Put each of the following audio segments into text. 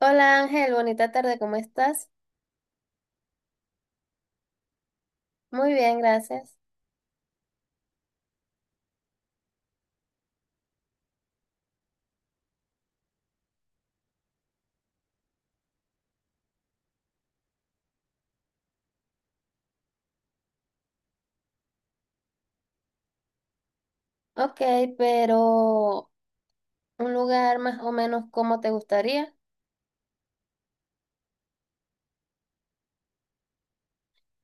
Hola Ángel, bonita tarde, ¿cómo estás? Muy bien, gracias. Ok, pero un lugar más o menos como te gustaría,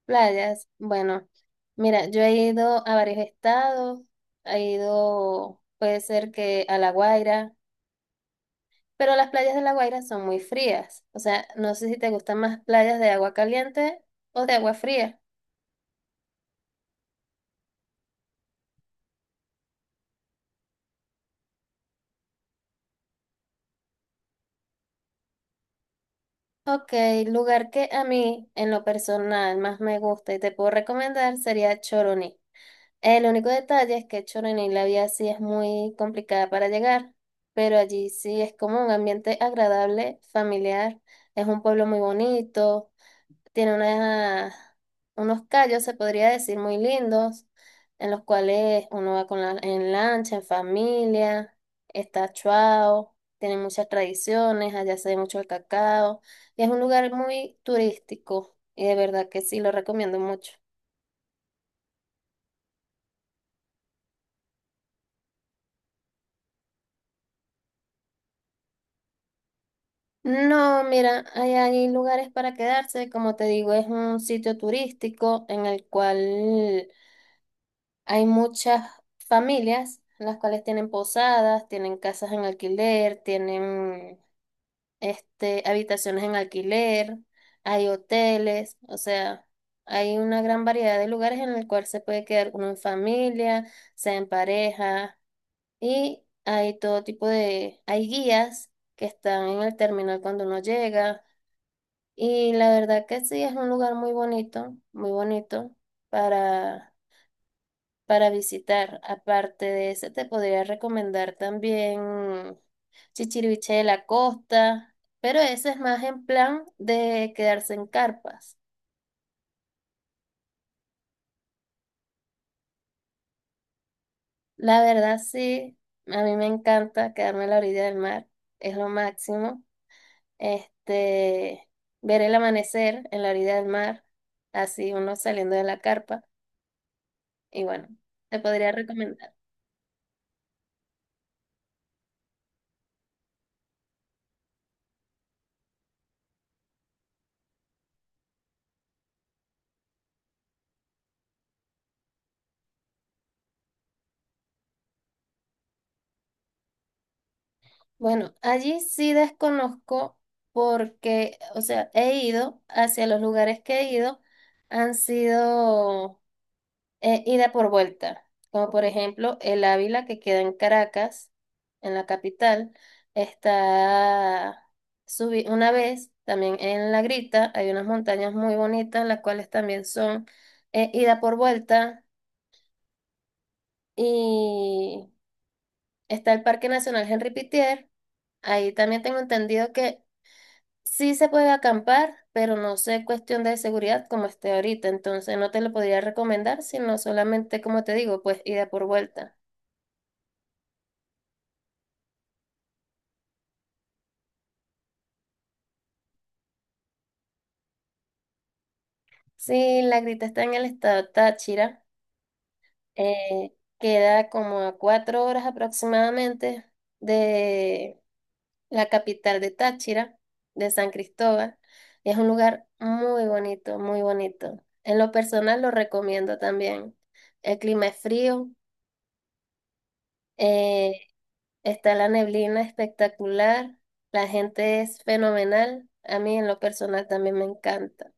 playas. Bueno, mira, yo he ido a varios estados, he ido, puede ser que a La Guaira, pero las playas de La Guaira son muy frías. O sea, no sé si te gustan más playas de agua caliente o de agua fría. Ok, lugar que a mí en lo personal más me gusta y te puedo recomendar sería Choroní. El único detalle es que Choroní, la vía sí es muy complicada para llegar, pero allí sí es como un ambiente agradable, familiar. Es un pueblo muy bonito, tiene unos callos, se podría decir, muy lindos, en los cuales uno va con la, en lancha, en familia, está Chuao, tiene muchas tradiciones, allá se ve mucho el cacao, y es un lugar muy turístico, y de verdad que sí lo recomiendo mucho. No, mira, hay lugares para quedarse, como te digo, es un sitio turístico en el cual hay muchas familias, las cuales tienen posadas, tienen casas en alquiler, tienen habitaciones en alquiler, hay hoteles, o sea, hay una gran variedad de lugares en el cual se puede quedar uno en familia, sea en pareja, y hay todo tipo de, hay guías que están en el terminal cuando uno llega. Y la verdad que sí, es un lugar muy bonito para, para visitar. Aparte de ese, te podría recomendar también Chichiriviche de la Costa, pero ese es más en plan de quedarse en carpas. La verdad sí, a mí me encanta quedarme a la orilla del mar, es lo máximo. Este, Ver el amanecer en la orilla del mar, así uno saliendo de la carpa. Y bueno, te podría recomendar. Bueno, allí sí desconozco porque, o sea, he ido hacia los lugares que he ido, han sido ida por vuelta, como por ejemplo el Ávila que queda en Caracas, en la capital, está, subí una vez también en La Grita, hay unas montañas muy bonitas, las cuales también son ida por vuelta, y está el Parque Nacional Henri Pittier, ahí también tengo entendido que sí se puede acampar, pero no sé cuestión de seguridad como esté ahorita, entonces no te lo podría recomendar, sino solamente, como te digo, pues ida por vuelta. Sí, La Grita está en el estado Táchira, queda como a cuatro horas aproximadamente de la capital de Táchira, de San Cristóbal. Es un lugar muy bonito, muy bonito. En lo personal lo recomiendo también. El clima es frío. eh, Está la neblina espectacular, la gente es fenomenal, a mí en lo personal también me encanta.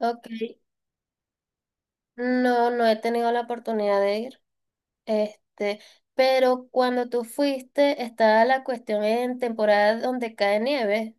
Ok, no, no he tenido la oportunidad de ir, este, pero cuando tú fuiste estaba la cuestión en temporada donde cae nieve.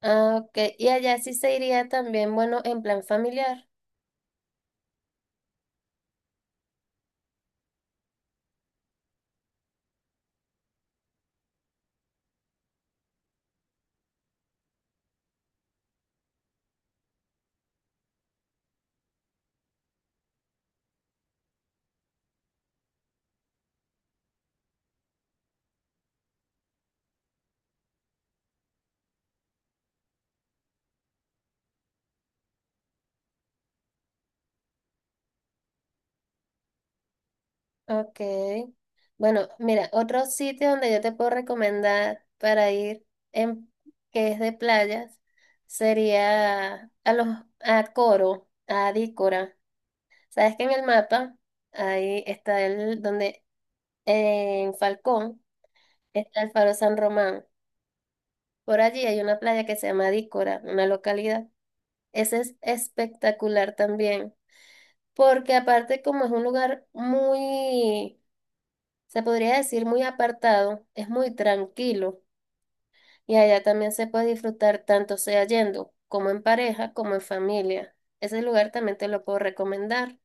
Ah, ok, y allá sí se iría también, bueno, en plan familiar. Ok. Bueno, mira, otro sitio donde yo te puedo recomendar para ir, en, que es de playas, sería a los a Coro, a Dícora. Sabes que en el mapa, ahí está el, donde en Falcón está el Faro San Román. Por allí hay una playa que se llama Dícora, una localidad. Ese es espectacular también, porque aparte como es un lugar muy, se podría decir muy apartado, es muy tranquilo y allá también se puede disfrutar tanto sea yendo como en pareja como en familia. Ese lugar también te lo puedo recomendar.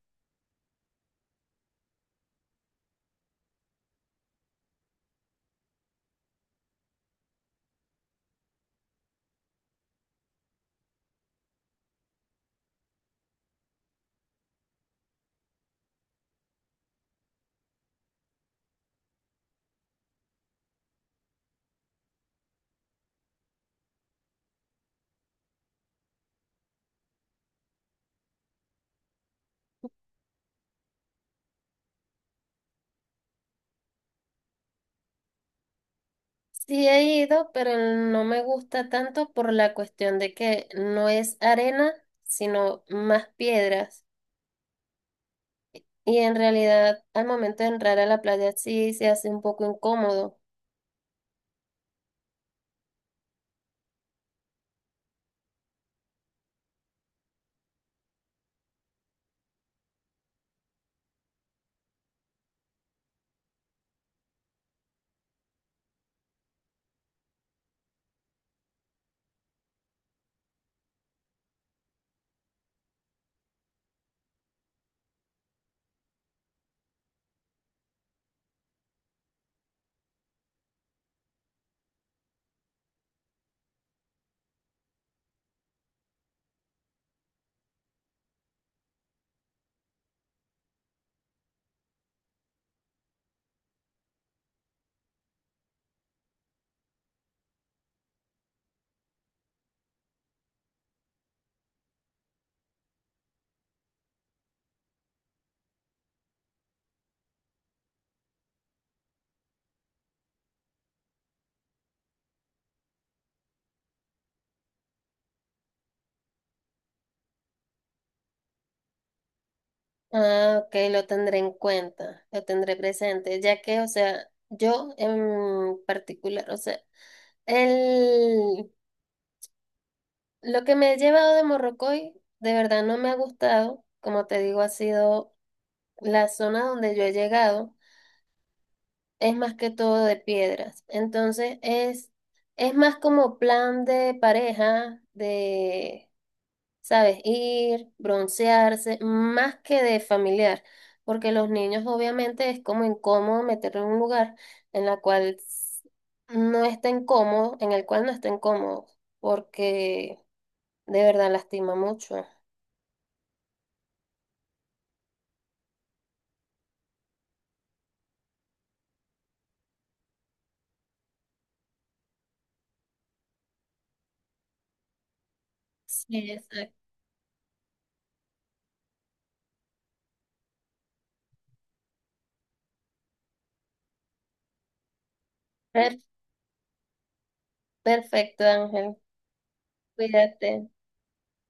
Sí he ido, pero no me gusta tanto por la cuestión de que no es arena, sino más piedras. Y en realidad, al momento de entrar a la playa sí se hace un poco incómodo. Ah, ok, lo tendré en cuenta, lo tendré presente, ya que, o sea, yo en particular, o sea, el, lo que me he llevado de Morrocoy de verdad no me ha gustado, como te digo, ha sido la zona donde yo he llegado, es más que todo de piedras, entonces es más como plan de pareja, de ¿sabes? Ir, broncearse, más que de familiar, porque los niños obviamente es como incómodo meterlo en un lugar en la cual s- no estén cómodos, en el cual no estén cómodos, porque de verdad lastima mucho. Sí, exacto. Per- Perfecto, Ángel. Cuídate.